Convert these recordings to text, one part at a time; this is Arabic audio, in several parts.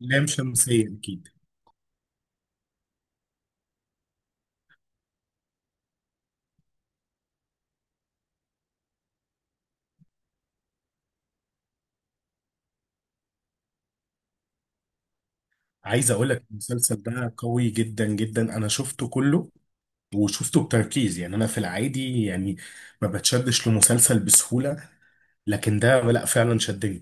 لام شمسية أكيد. عايز أقول لك المسلسل ده قوي جدا جدا، أنا شفته كله وشفته بتركيز. يعني أنا في العادي، يعني ما بتشدش لمسلسل بسهولة، لكن ده لا فعلا شدني.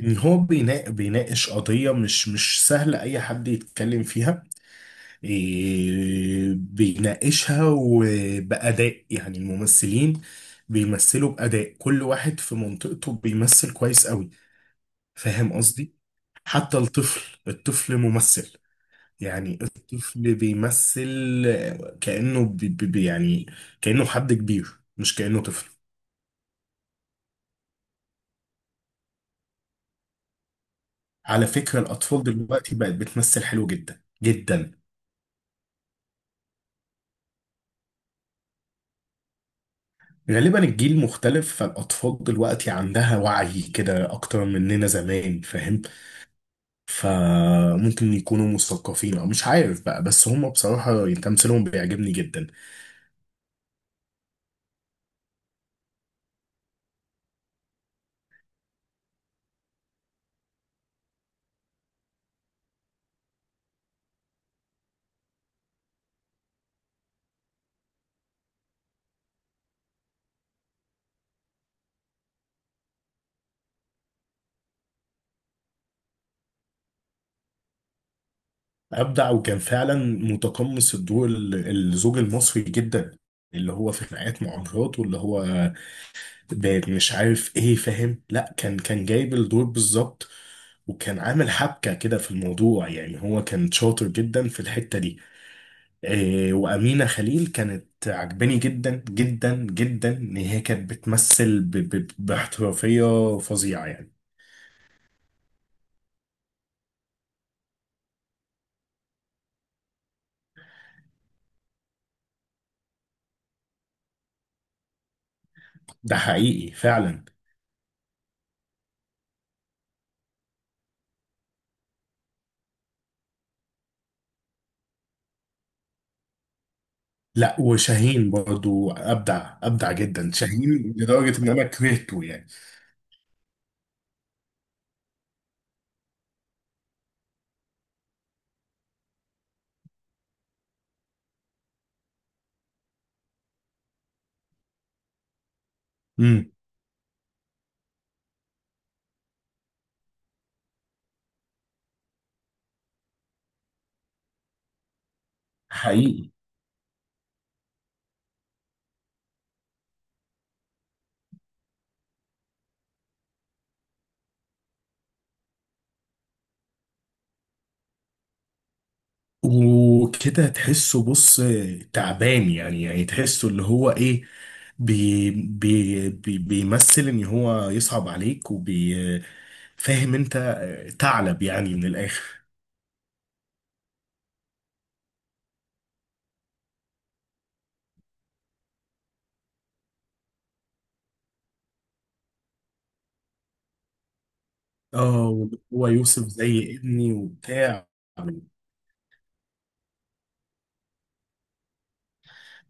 إن هو بيناقش قضية مش سهل أي حد يتكلم فيها. إيه بيناقشها وبأداء، يعني الممثلين بيمثلوا بأداء، كل واحد في منطقته بيمثل كويس قوي. فاهم قصدي؟ حتى الطفل ممثل. يعني الطفل بيمثل كأنه يعني كأنه حد كبير، مش كأنه طفل. على فكرة الأطفال دلوقتي بقت بتمثل حلو جدا جدا. غالبا الجيل مختلف، فالأطفال دلوقتي عندها وعي كده أكتر مننا زمان، فاهم؟ فممكن يكونوا مثقفين أو مش عارف بقى، بس هم بصراحة تمثيلهم بيعجبني جدا. أبدع، وكان فعلا متقمص الدور، الزوج المصري جدا، اللي هو في خناقات مع مراته، اللي هو مش عارف ايه، فاهم؟ لا كان جايب الدور بالظبط، وكان عامل حبكة كده في الموضوع، يعني هو كان شاطر جدا في الحتة دي. إيه وأمينة خليل كانت عجباني جدا جدا جدا، إن هي كانت بتمثل ب ب باحترافية فظيعة يعني. ده حقيقي فعلا. لا وشاهين برضو أبدع، أبدع جدا شاهين، لدرجة إن أنا كرهته يعني. امم حقيقي، وكده تحسه، بص، تعبان يعني، يعني تحسه اللي هو ايه، بي بي بي بيمثل ان هو يصعب عليك، وبي، فاهم انت؟ ثعلب يعني من الاخر. اه واللي هو يوسف زي ابني وبتاع.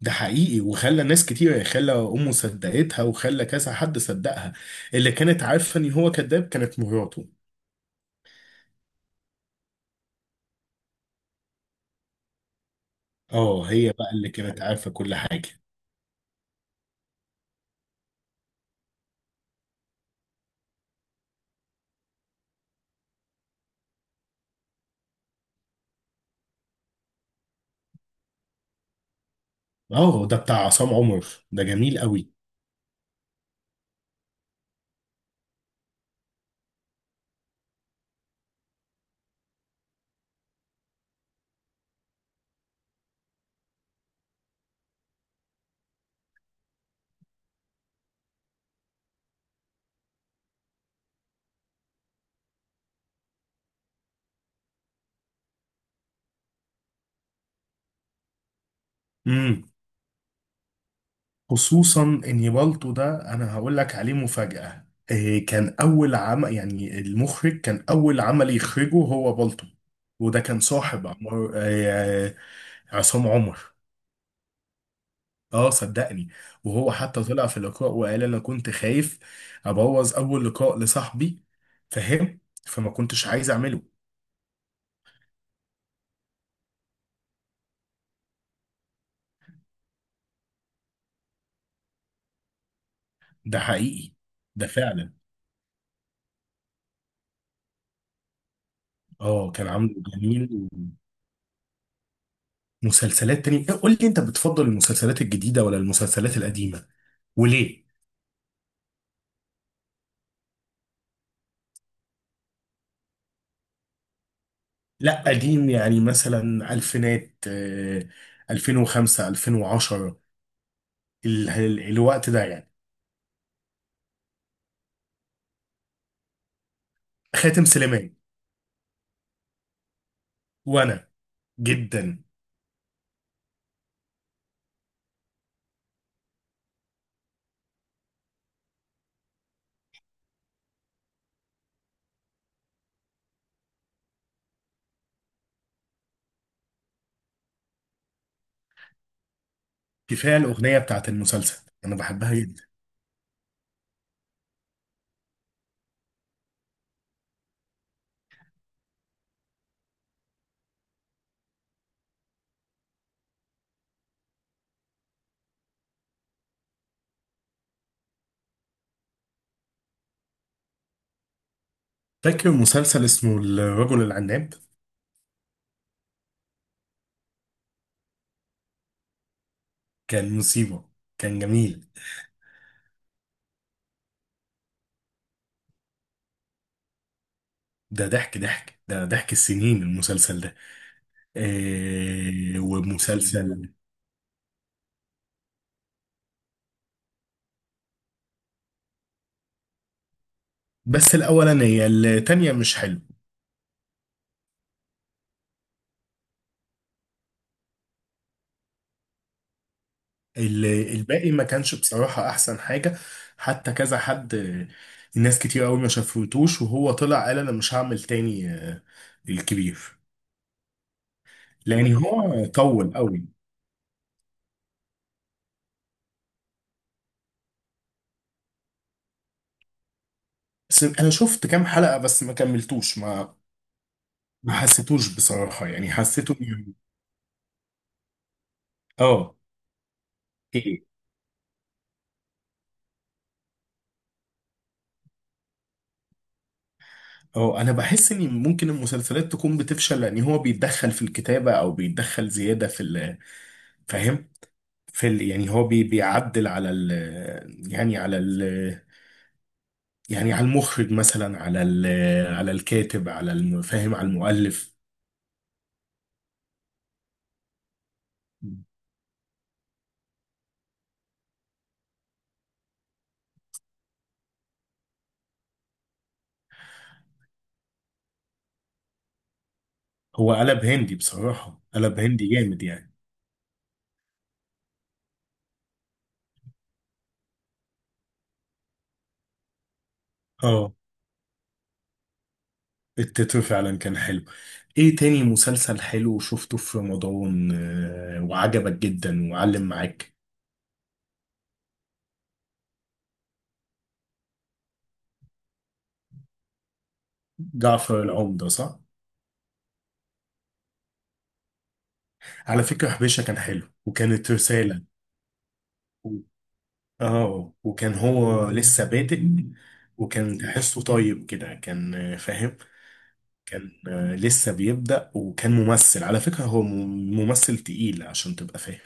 ده حقيقي، وخلى ناس كتير، خلى امه صدقتها، وخلى كذا حد صدقها. اللي كانت عارفه ان هو كذاب كانت مراته. اه هي بقى اللي كانت عارفه كل حاجه. اه ده بتاع عصام عمر، ده جميل قوي. امم خصوصا ان بالطو ده، انا هقول لك عليه مفاجأة، إيه، كان اول عمل، يعني المخرج كان اول عمل يخرجه هو بالطو، وده كان صاحب عمر، إيه، عصام عمر. اه صدقني. وهو حتى طلع في اللقاء وقال انا كنت خايف ابوظ اول لقاء لصاحبي، فاهم؟ فما كنتش عايز اعمله. ده حقيقي. ده فعلا. اه كان عامله جميل. مسلسلات تاني، قول لي انت بتفضل المسلسلات الجديدة ولا المسلسلات القديمة، وليه؟ لا قديم، يعني مثلا ألفينات، 2005، 2010، الوقت ده يعني. خاتم سليمان. وأنا جدا. كفاية الأغنية بتاعت المسلسل أنا بحبها جدا. فاكر مسلسل اسمه الرجل العناب؟ كان مصيبة، كان جميل. ده ضحك ضحك، ده ضحك السنين المسلسل ده. آه ومسلسل. بس الأولانية التانية مش حلوة. الباقي ما كانش بصراحة أحسن حاجة. حتى كذا حد، الناس كتير قوي ما شافوتوش، وهو طلع قال أنا مش هعمل تاني، الكبير، لأن هو طول قوي. بس أنا شفت كام حلقة بس ما كملتوش، ما حسيتوش بصراحة، يعني اه ايه اه انا بحس ان ممكن المسلسلات تكون بتفشل لان هو بيتدخل في الكتابة، او بيتدخل زيادة في فاهم؟ في يعني هو بيعدل على ال، يعني على ال، يعني على المخرج مثلا، على ال، على الكاتب، على فاهم، على المؤلف. هو قلب هندي بصراحة، قلب هندي جامد يعني. اه التتر فعلا كان حلو. ايه تاني مسلسل حلو شفته في رمضان، وعجبك جدا وعلم معاك؟ جعفر العمدة، صح؟ على فكرة حبيشة كان حلو، وكانت رسالة. و- اه وكان هو لسه بادئ، وكان تحسه طيب كده، كان، فاهم؟ كان، لسه بيبدأ، وكان ممثل على فكرة، هو ممثل تقيل عشان تبقى فاهم.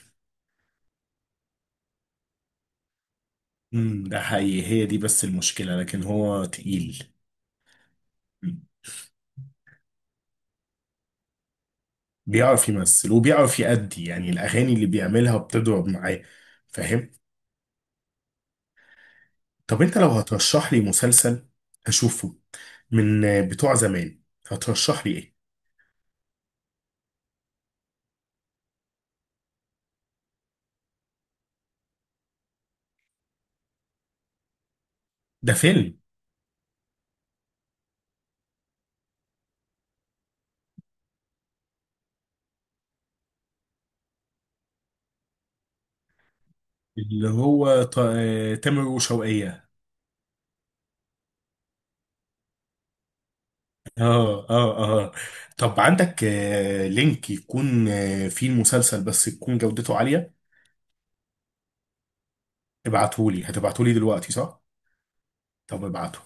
ده حقيقي، هي دي بس المشكلة، لكن هو تقيل. مم. بيعرف يمثل، وبيعرف يأدي، يعني الأغاني اللي بيعملها بتضرب معاه. فاهم؟ طب أنت لو هترشح لي مسلسل هشوفه من، بتوع زمان، هترشح لي إيه؟ ده فيلم. اللي هو تامر وشوقية. اه اه اه. طب عندك، لينك يكون، فيه المسلسل بس تكون جودته عالية؟ ابعتهولي، هتبعتهولي دلوقتي، صح؟ طب ابعته.